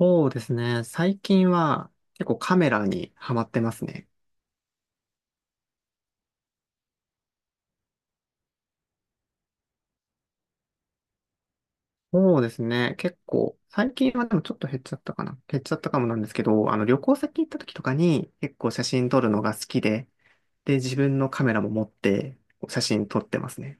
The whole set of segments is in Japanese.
そうですね。最近は結構カメラにハマってますね。そうですね。結構、最近はでもちょっと減っちゃったかな。減っちゃったかもなんですけど、旅行先行った時とかに結構写真撮るのが好きで、で、自分のカメラも持って写真撮ってますね。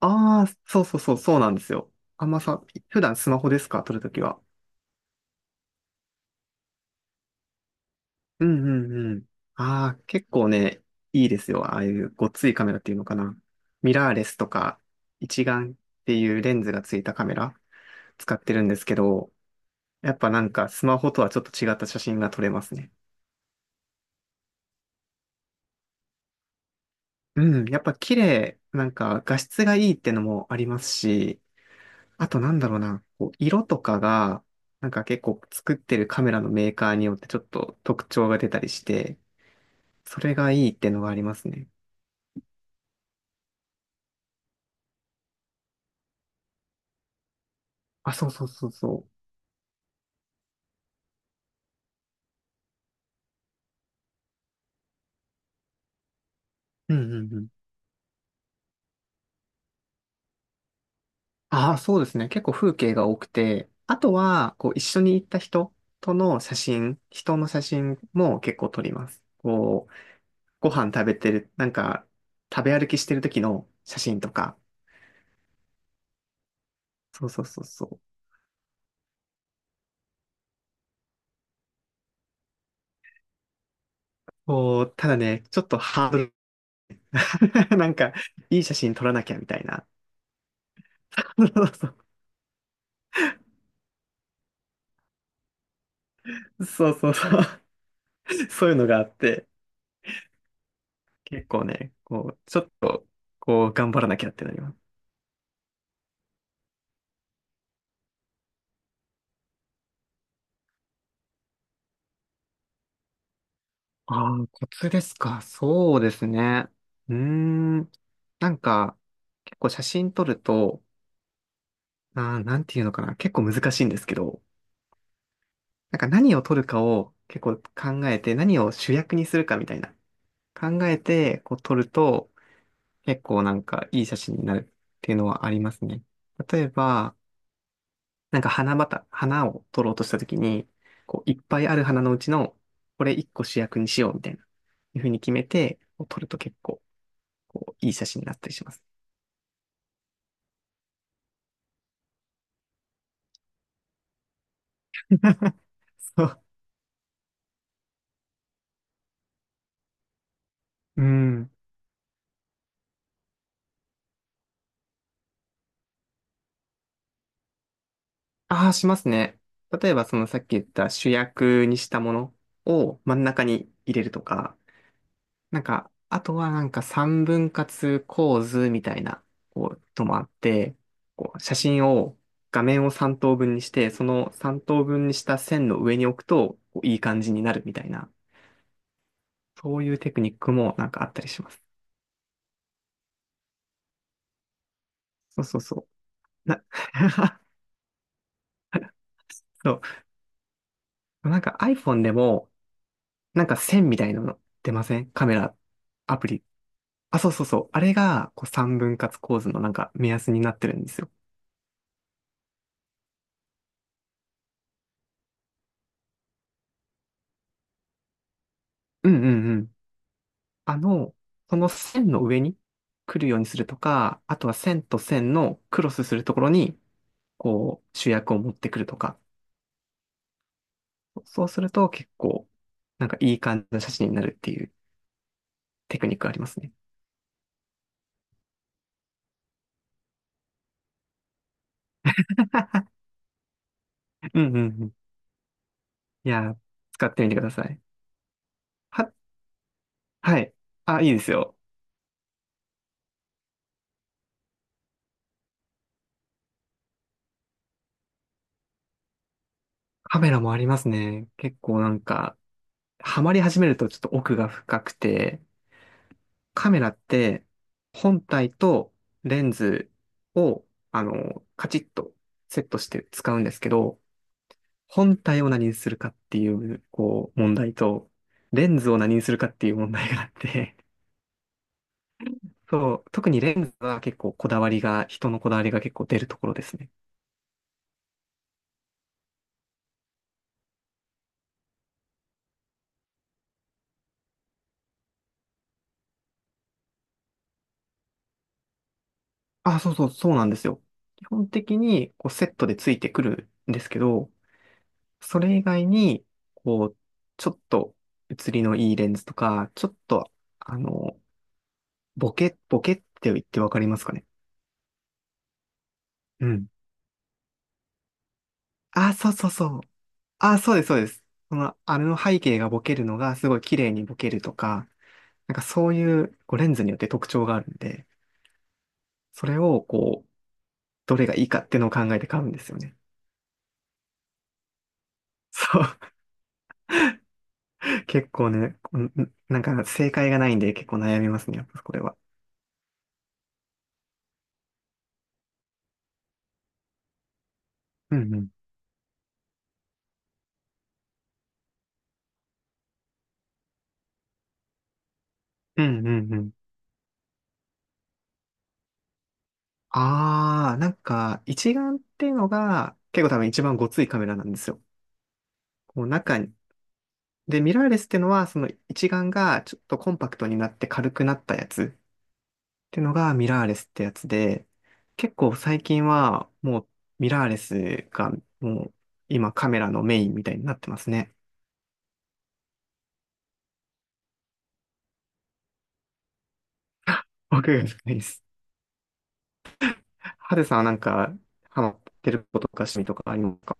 ああ、そうそうそう、そうなんですよ。あんまさ、普段スマホですか撮るときは。うんうんうん。ああ、結構ね、いいですよ。ああいうごっついカメラっていうのかな。ミラーレスとか、一眼っていうレンズがついたカメラ。使ってるんですけど、やっぱなんかスマホとはちょっと違った写真が撮れますね。うん、やっぱ綺麗、なんか画質がいいってのもありますし、あとなんだろうな、こう色とかが、なんか結構作ってるカメラのメーカーによってちょっと特徴が出たりして、それがいいってのがありますね。あ、そうそうそうそう。うんうんうん。ああ、そうですね。結構風景が多くて、あとは、こう一緒に行った人との写真、人の写真も結構撮ります。こう、ご飯食べてる、なんか、食べ歩きしてる時の写真とか。そうそうそうそう。こう、ただね、ちょっとハードルが なんか、いい写真撮らなきゃみたいな。そうそうそう。そうそうそう。そういうのがあって、結構ね、こう、ちょっと、こう、頑張らなきゃってなります。ああ、コツですか。そうですね。うーん。なんか、結構写真撮ると、なんていうのかな。結構難しいんですけど、なんか何を取るかを結構考えて、何を主役にするかみたいな考えてこう撮ると結構なんかいい写真になるっていうのはありますね。例えば、なんか花畑、花を撮ろうとした時に、こういっぱいある花のうちのこれ一個主役にしようみたいな、いうふうに決めてこう撮ると結構こういい写真になったりします。そう。うん。ああ、しますね。例えばそのさっき言った主役にしたものを真ん中に入れるとか、なんか、あとはなんか三分割構図みたいなこうのもあって、こう写真を画面を三等分にして、その三等分にした線の上に置くとこういい感じになるみたいな、そういうテクニックもなんかあったりします。そうそうそう。そう。なんか iPhone でもなんか線みたいなの出ませんカメラ、アプリ。あ、そうそうそう。あれがこう三分割構図のなんか目安になってるんですよ。うんうんうん。あの、その線の上に来るようにするとか、あとは線と線のクロスするところに、こう、主役を持ってくるとか、そうすると結構、なんかいい感じの写真になるっていうテクニックありますね。うんうんうん。いやー、使ってみてください。は、はい。あ、いいですよ。カメラもありますね。結構なんか、ハマり始めるとちょっと奥が深くて、カメラって本体とレンズを、カチッとセットして使うんですけど、本体を何にするかっていう、こう、問題と、レンズを何にするかっていう問題があって、そう、特にレンズは結構こだわりが、人のこだわりが結構出るところですね。あ、そうそう、そうなんですよ。基本的にこうセットでついてくるんですけど、それ以外に、こう、ちょっと写りのいいレンズとか、ちょっと、あの、ボケって言ってわかりますかね。うん。あ、そうそうそう。あ、そうです、そうです。その、あれの背景がボケるのがすごい綺麗にボケるとか、なんかそういうこうレンズによって特徴があるんで、それをこう、どれがいいかっていうのを考えて買うんですよね。そう。結構ね、こんなんか正解がないんで結構悩みますね、やっぱこれは。うんうん。うんうんうん。あー、なんか一眼っていうのが結構多分一番ごついカメラなんですよ。こう中に、で、ミラーレスってのは、その一眼がちょっとコンパクトになって軽くなったやつってのがミラーレスってやつで、結構最近はもうミラーレスがもう今カメラのメインみたいになってますね。僕が深いです。ハデさんはなんかハマってることとか趣味とかありますか？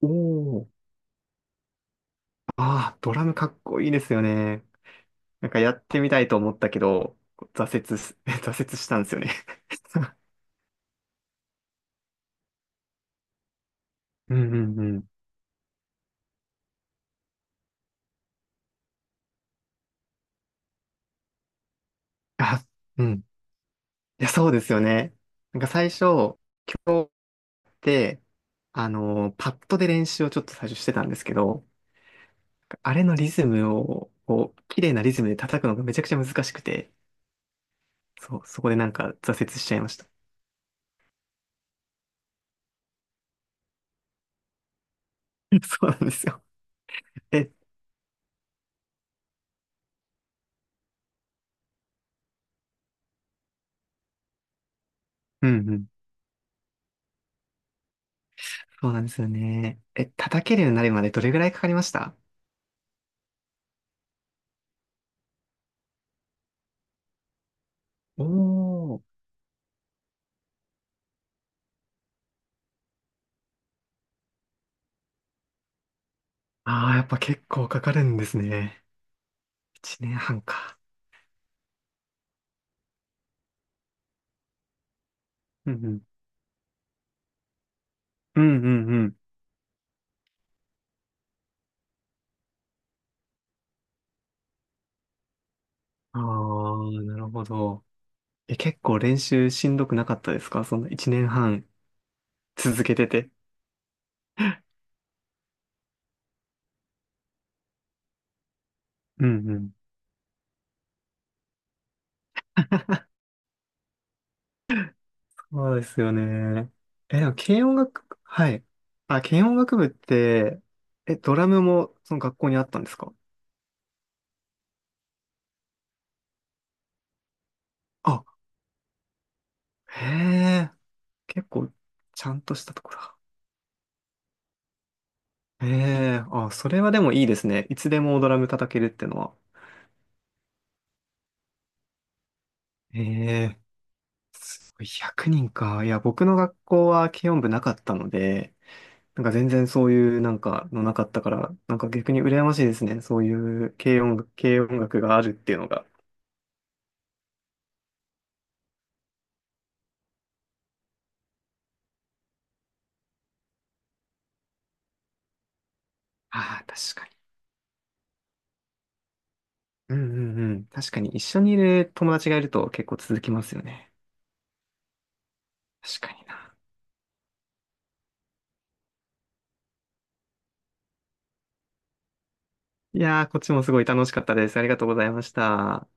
おおー。ああ、ドラムかっこいいですよね。なんかやってみたいと思ったけど、挫折す、挫折したんですよね。うんうんうん。あ、うんいや、そうですよね。なんか最初、今日って、パッドで練習をちょっと最初してたんですけど、あれのリズムを、こう、綺麗なリズムで叩くのがめちゃくちゃ難しくて、そう、そこでなんか挫折しちゃいました。そうなんですよ。え、うんうん。そうなんですよね。え、叩けるようになるまでどれぐらいかかりました？おー。ああ、やっぱ結構かかるんですね。1年半か。うんうん。うんうんうん。ああ、なるほど。え、結構練習しんどくなかったですかその1年半続けてて。うんうん。そうですよね。え、でも軽音楽部、はい。あ、軽音楽部って、え、ドラムもその学校にあったんですか？あ、へえ、結構ちゃんとしたところだ。へえ、あ、それはでもいいですね。いつでもドラム叩けるってのは。へえ、すごい100人か。いや、僕の学校は軽音部なかったので、なんか全然そういうなんかのなかったから、なんか逆に羨ましいですね。そういう軽音楽があるっていうのが。ああ、確かに。うんうんうん。確かに一緒にいる友達がいると結構続きますよね。確かにな。いやー、こっちもすごい楽しかったです。ありがとうございました。